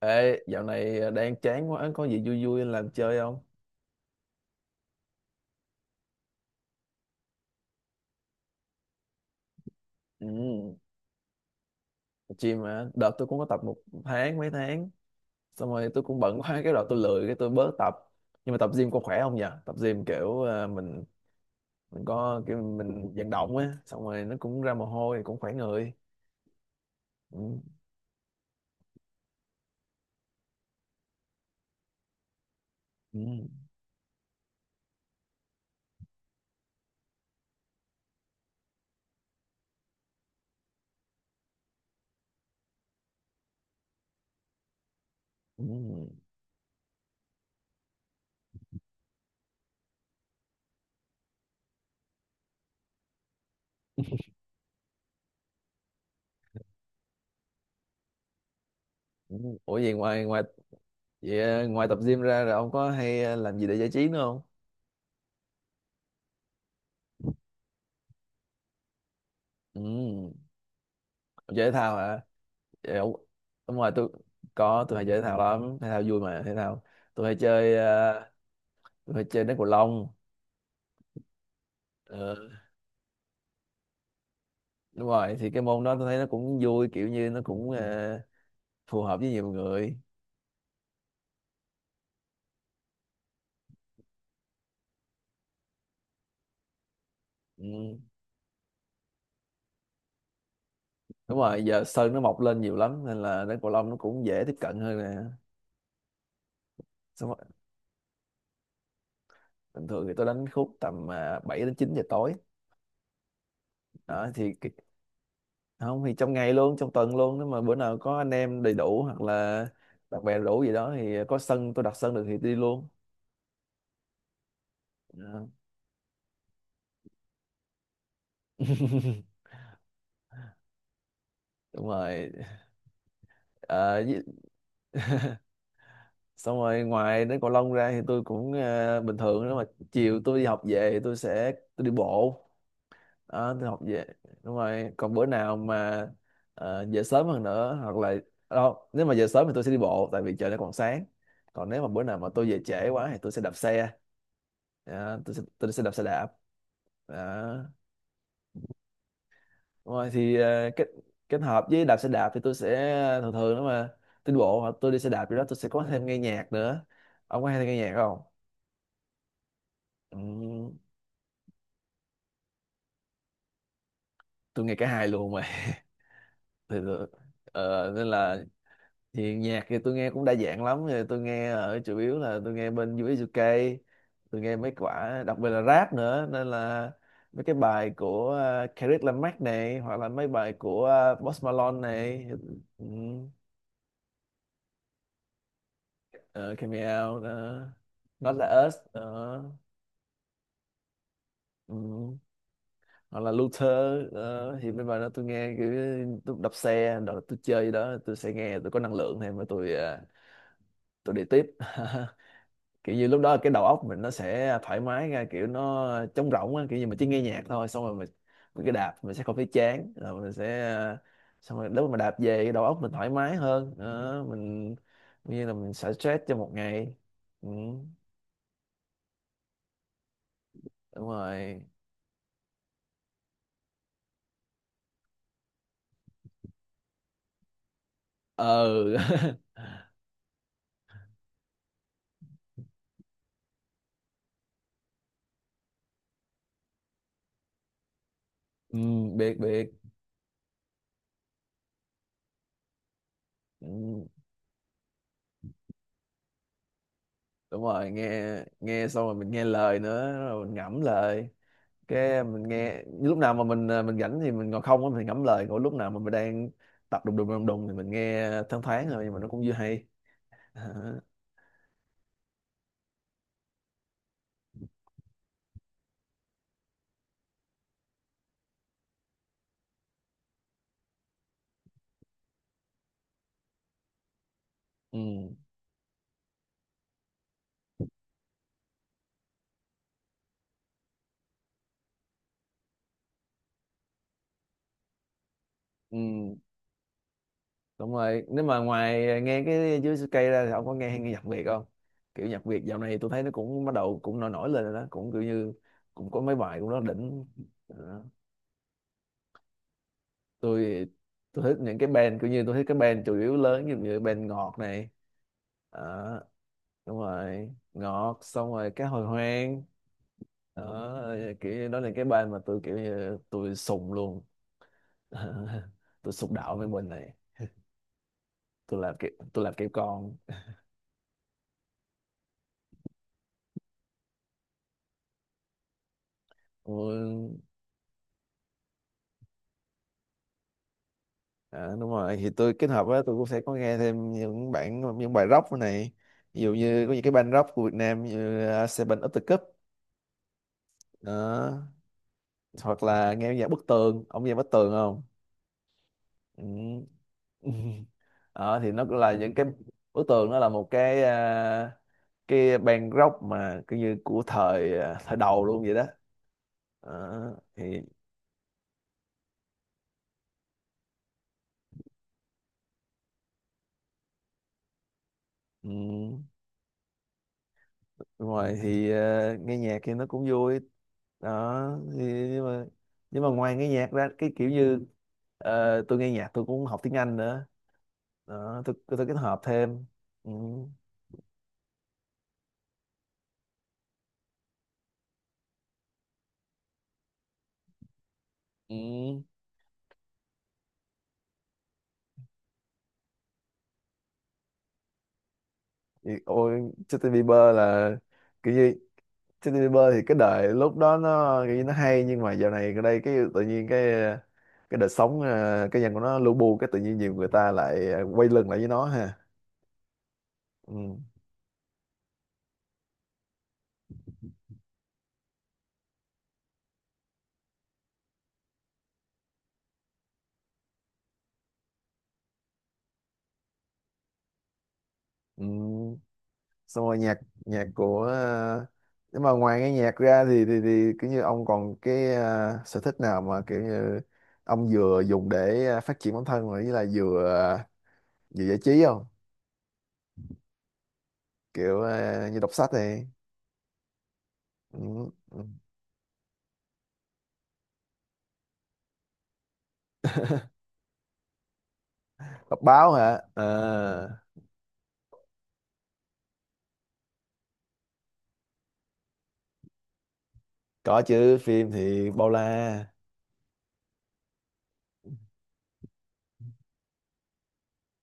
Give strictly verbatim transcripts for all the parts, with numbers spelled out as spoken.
Ê, dạo này ờ, đang chán quá, có gì vui vui làm chơi không? Ừ, gym mà, đợt tôi cũng có tập một tháng, mấy tháng. Xong rồi tôi cũng bận quá, cái đợt tôi lười, cái tôi bớt tập. Nhưng mà tập gym có khỏe không nhỉ? Tập gym kiểu ờ, mình mình có kiểu mình vận động á. Xong rồi nó cũng ra mồ hôi, cũng khỏe người. ừ, ừ, ừ, ừ. Ủa gì ngoài ngoài vậy, ờ, ngoài tập gym ra rồi ông có hay ờ, làm gì để giải trí nữa không? Ừ, ông chơi thể thao hả? Kiểu, đúng rồi tôi có, tôi hay chơi thể thao lắm, thể thao vui mà. Thể thao tôi hay chơi ờ, tôi hay chơi đá cầu lông. Ờ, đúng rồi thì cái môn đó tôi thấy nó cũng vui, kiểu như nó cũng ờ, phù hợp với nhiều người. Ừ, đúng rồi giờ sân nó mọc lên nhiều lắm nên là đá cầu lông nó cũng dễ tiếp cận hơn nè. Xong rồi, bình thường thì tôi đánh khúc tầm uh, bảy đến chín giờ tối. Đó thì cái- không thì trong ngày luôn, trong tuần luôn, nếu mà bữa nào có anh em đầy đủ hoặc là bạn bè đủ gì đó thì có sân, tôi đặt sân được thì đi luôn. Đúng rồi. Ờ, với- xong rồi ngoài đến cầu lông ra thì tôi cũng ờ, bình thường nếu mà chiều tôi đi học về thì tôi sẽ tôi đi bộ. Đó, tôi học về đúng rồi. Còn bữa nào mà ờ, về sớm hơn nữa hoặc là đâu, nếu mà về sớm thì tôi sẽ đi bộ tại vì trời nó còn sáng. Còn nếu mà bữa nào mà tôi về trễ quá thì tôi sẽ đạp xe. Đó, tôi sẽ tôi sẽ đạp xe đạp. Đó. Đúng rồi thì ờ, kết kết hợp với đạp xe đạp thì tôi sẽ ờ, thường thường nếu mà tiến bộ hoặc tôi đi xe đạp gì đó tôi sẽ có thêm nghe nhạc nữa. Ông có hay nghe nhạc không? Ừm, tôi nghe cả hai luôn mà. thì ờ, nên là thì nhạc thì tôi nghe cũng đa dạng lắm. Thì tôi nghe ở chủ yếu là tôi nghe bên u ét diu kê, tôi nghe mấy quả đặc biệt là rap nữa, nên là mấy cái bài của uh, Kendrick Lamar này hoặc là mấy bài của ờ, Post Malone này. Ừ, uh, Came Out, ờ, Cameo đó. Not Like Us đó. Ừ, hoặc là Luther. Đó thì bên bài đó tôi nghe kiểu tôi đạp xe đó, tôi chơi gì đó tôi sẽ nghe, tôi có năng lượng thêm mà tôi à, tôi đi tiếp. Kiểu như lúc đó cái đầu óc mình nó sẽ thoải mái ra, kiểu nó trống rỗng á, kiểu như mình chỉ nghe nhạc thôi xong rồi mình mình cứ đạp mình sẽ không thấy chán rồi mình sẽ à, xong rồi lúc mà đạp về cái đầu óc mình thoải mái hơn đó, mình như là mình xả stress cho một ngày. Ừ, đúng rồi. Ờ. Ừ, biết biết. Ừ, đúng rồi, nghe nghe xong rồi mình nghe lời nữa rồi mình ngẫm lời. Cái mình nghe lúc nào mà mình à, mình rảnh thì mình ngồi không á, mình ngẫm lời. Còn lúc nào mà mình đang tập đùng đùng đùng đùng thì mình nghe thoáng thoáng thôi nhưng mà nó cũng vừa hay. Hả? Ừ. Ừ, đúng rồi, nếu mà ngoài nghe cái dưới cây ra thì ông có nghe, hay nghe nhạc Việt không? Kiểu nhạc Việt dạo này tôi thấy nó cũng bắt đầu cũng nổi nổi lên rồi đó, cũng kiểu như cũng có mấy bài cũng rất đỉnh. À. tôi tôi thích những cái band, kiểu như tôi thích cái band chủ yếu lớn như như band ngọt này. Đó, đúng rồi ngọt xong rồi cái hồi hoang. Đó, kiểu như đó là cái band mà tôi kiểu như tôi sùng luôn. Tôi sùng đạo với mình này. Tôi làm kiểu tôi làm kiểu con. Ôi, à, đúng rồi thì tôi kết hợp với tôi cũng sẽ có nghe thêm những bản, những bài rock này. Ví dụ như có những cái band rock của Việt Nam như uh, Seven Up The Cup đó, hoặc là nghe nhạc Bức Tường. Ông nghe Bức Tường không? Ừ. Ờ, thì nó cũng là những cái bức tường. Nó là một cái à, cái ban góc mà cứ như của thời à, thời đầu luôn vậy đó. Ờ, thì ừ, đúng rồi thì à, nghe nhạc thì nó cũng vui đó thì, nhưng mà nhưng mà ngoài nghe nhạc ra cái kiểu như ờ, tôi nghe nhạc tôi cũng học tiếng Anh nữa. Đó tôi tôi, tôi kết hợp thêm. Ừ. Ừ. Thì, ôi Justin Bieber là kiểu như Justin Bieber thì cái đời lúc đó nó kiểu như nó hay nhưng mà dạo này ở đây cái tự nhiên cái cái đời sống ờ, cái nhân của nó lu bu cái tự nhiên nhiều người ta lại quay lưng lại với nó ha. Ừ. Ừ. Xong rồi nhạc, nhạc của ờ, nhưng mà ngoài nghe nhạc ra thì thì thì kiểu như ông còn cái ờ, sở thích nào mà kiểu như ông vừa dùng để ờ, phát triển bản thân rồi với lại vừa ờ, vừa giải trí không? Kiểu ờ, như đọc sách này. Ừ. Ừ. Đọc báo hả? Ờ, có chứ, phim thì bao la.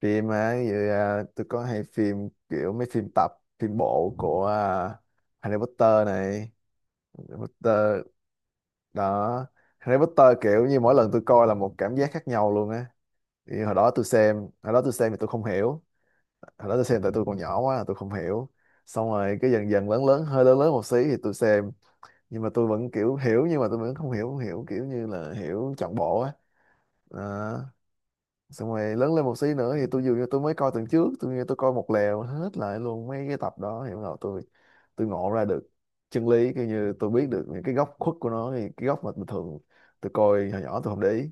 Phim á, ví dụ, à, tôi có hay phim kiểu mấy phim tập, phim bộ của à, Harry Potter này. Harry Potter đó. Harry Potter kiểu như mỗi lần tôi coi là một cảm giác khác nhau luôn á. Thì hồi đó tôi xem, hồi đó tôi xem thì tôi không hiểu, hồi đó tôi xem tại tôi còn nhỏ quá tôi không hiểu. Xong rồi cái dần dần lớn lớn, hơi lớn lớn một xí thì tôi xem nhưng mà tôi vẫn kiểu hiểu nhưng mà tôi vẫn không hiểu, không hiểu kiểu như là hiểu trọn bộ á. Đó. Xong rồi lớn lên một xí nữa thì tôi dường như tôi mới coi tuần trước, tôi như tôi coi một lèo hết lại luôn mấy cái tập đó thì bắt tôi tôi ngộ ra được chân lý, kiểu như tôi biết được những cái góc khuất của nó, thì cái góc mà bình thường tôi coi hồi nhỏ tôi không để ý.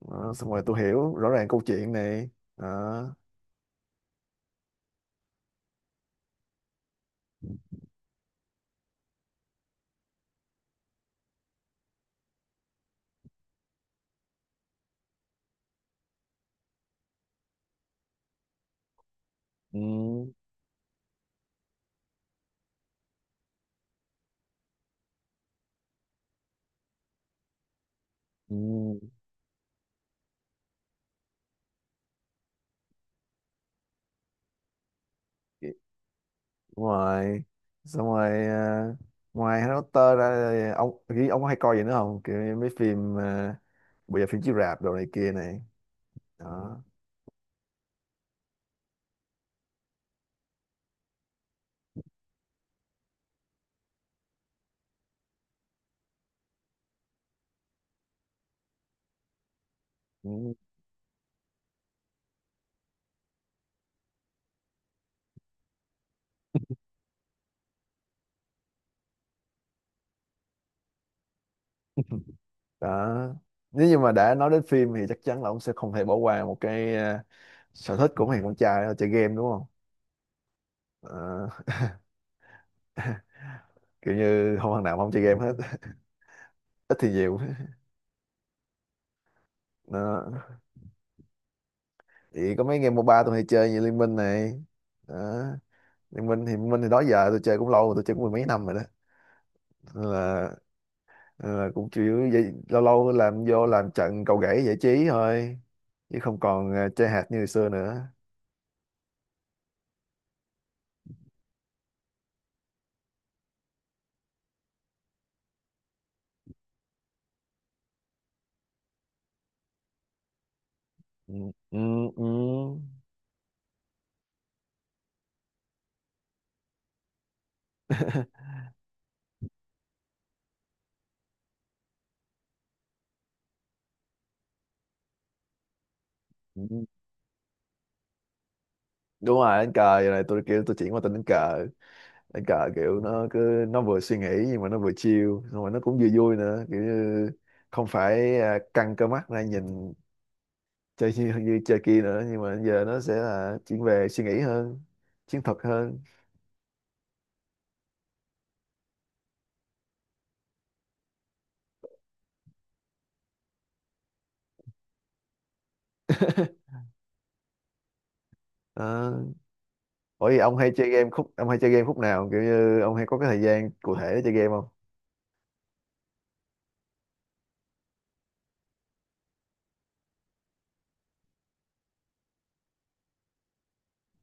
Đó, xong rồi tôi hiểu rõ ràng câu chuyện này đó. Ừ, ừ. Đúng rồi, xong rồi à, ngoài Harry Potter ra thì ông nghĩ ông có hay coi gì nữa không, kiểu như mấy phim à, bây giờ phim chiếu rạp đồ này kia này đó. Ừ. Đó, nếu như mà đã nói đến phim thì chắc chắn là ông sẽ không thể bỏ qua một cái ờ, sở thích của mấy thằng con trai, đó là chơi game đúng không? Ờ, kiểu như không thằng nào mà không chơi game hết. Ít thì nhiều đó. Thì có mấy game mô ba tôi hay chơi như Liên Minh này đó. Liên Minh thì Liên Minh thì đó giờ tôi chơi cũng lâu rồi, tôi chơi cũng mười mấy năm rồi đó, nên là, nên là cũng chủ yếu vậy, lâu lâu làm vô làm trận cầu gãy giải trí thôi chứ không còn ờ, chơi hạt như hồi xưa nữa. Ừ, ừ, ừ. Đúng rồi, đánh cờ giờ này tôi kiểu tôi chuyển qua tên đánh cờ. Đánh cờ kiểu nó cứ nó vừa suy nghĩ nhưng mà nó vừa chill xong rồi nó cũng vừa vui nữa, kiểu như không phải à, căng cơ mắt ra nhìn chơi như, như chơi kia nữa, nhưng mà giờ nó sẽ là chuyển về suy nghĩ hơn, chiến thuật hơn. Ờ. Ủa vậy ông hay chơi game khúc, ông hay chơi game khúc nào, kiểu như ông hay có cái thời gian cụ thể để chơi game không?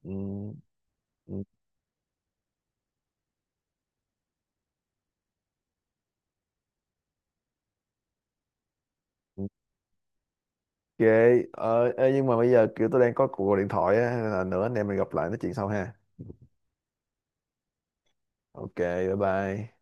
Ừ. Ừ, ừ. Ok, ờ, ê, nhưng mà bây giờ kiểu tôi đang có cuộc gọi điện thoại á, nên là nữa anh em mình gặp lại nói chuyện sau ha. Ok, bye bye.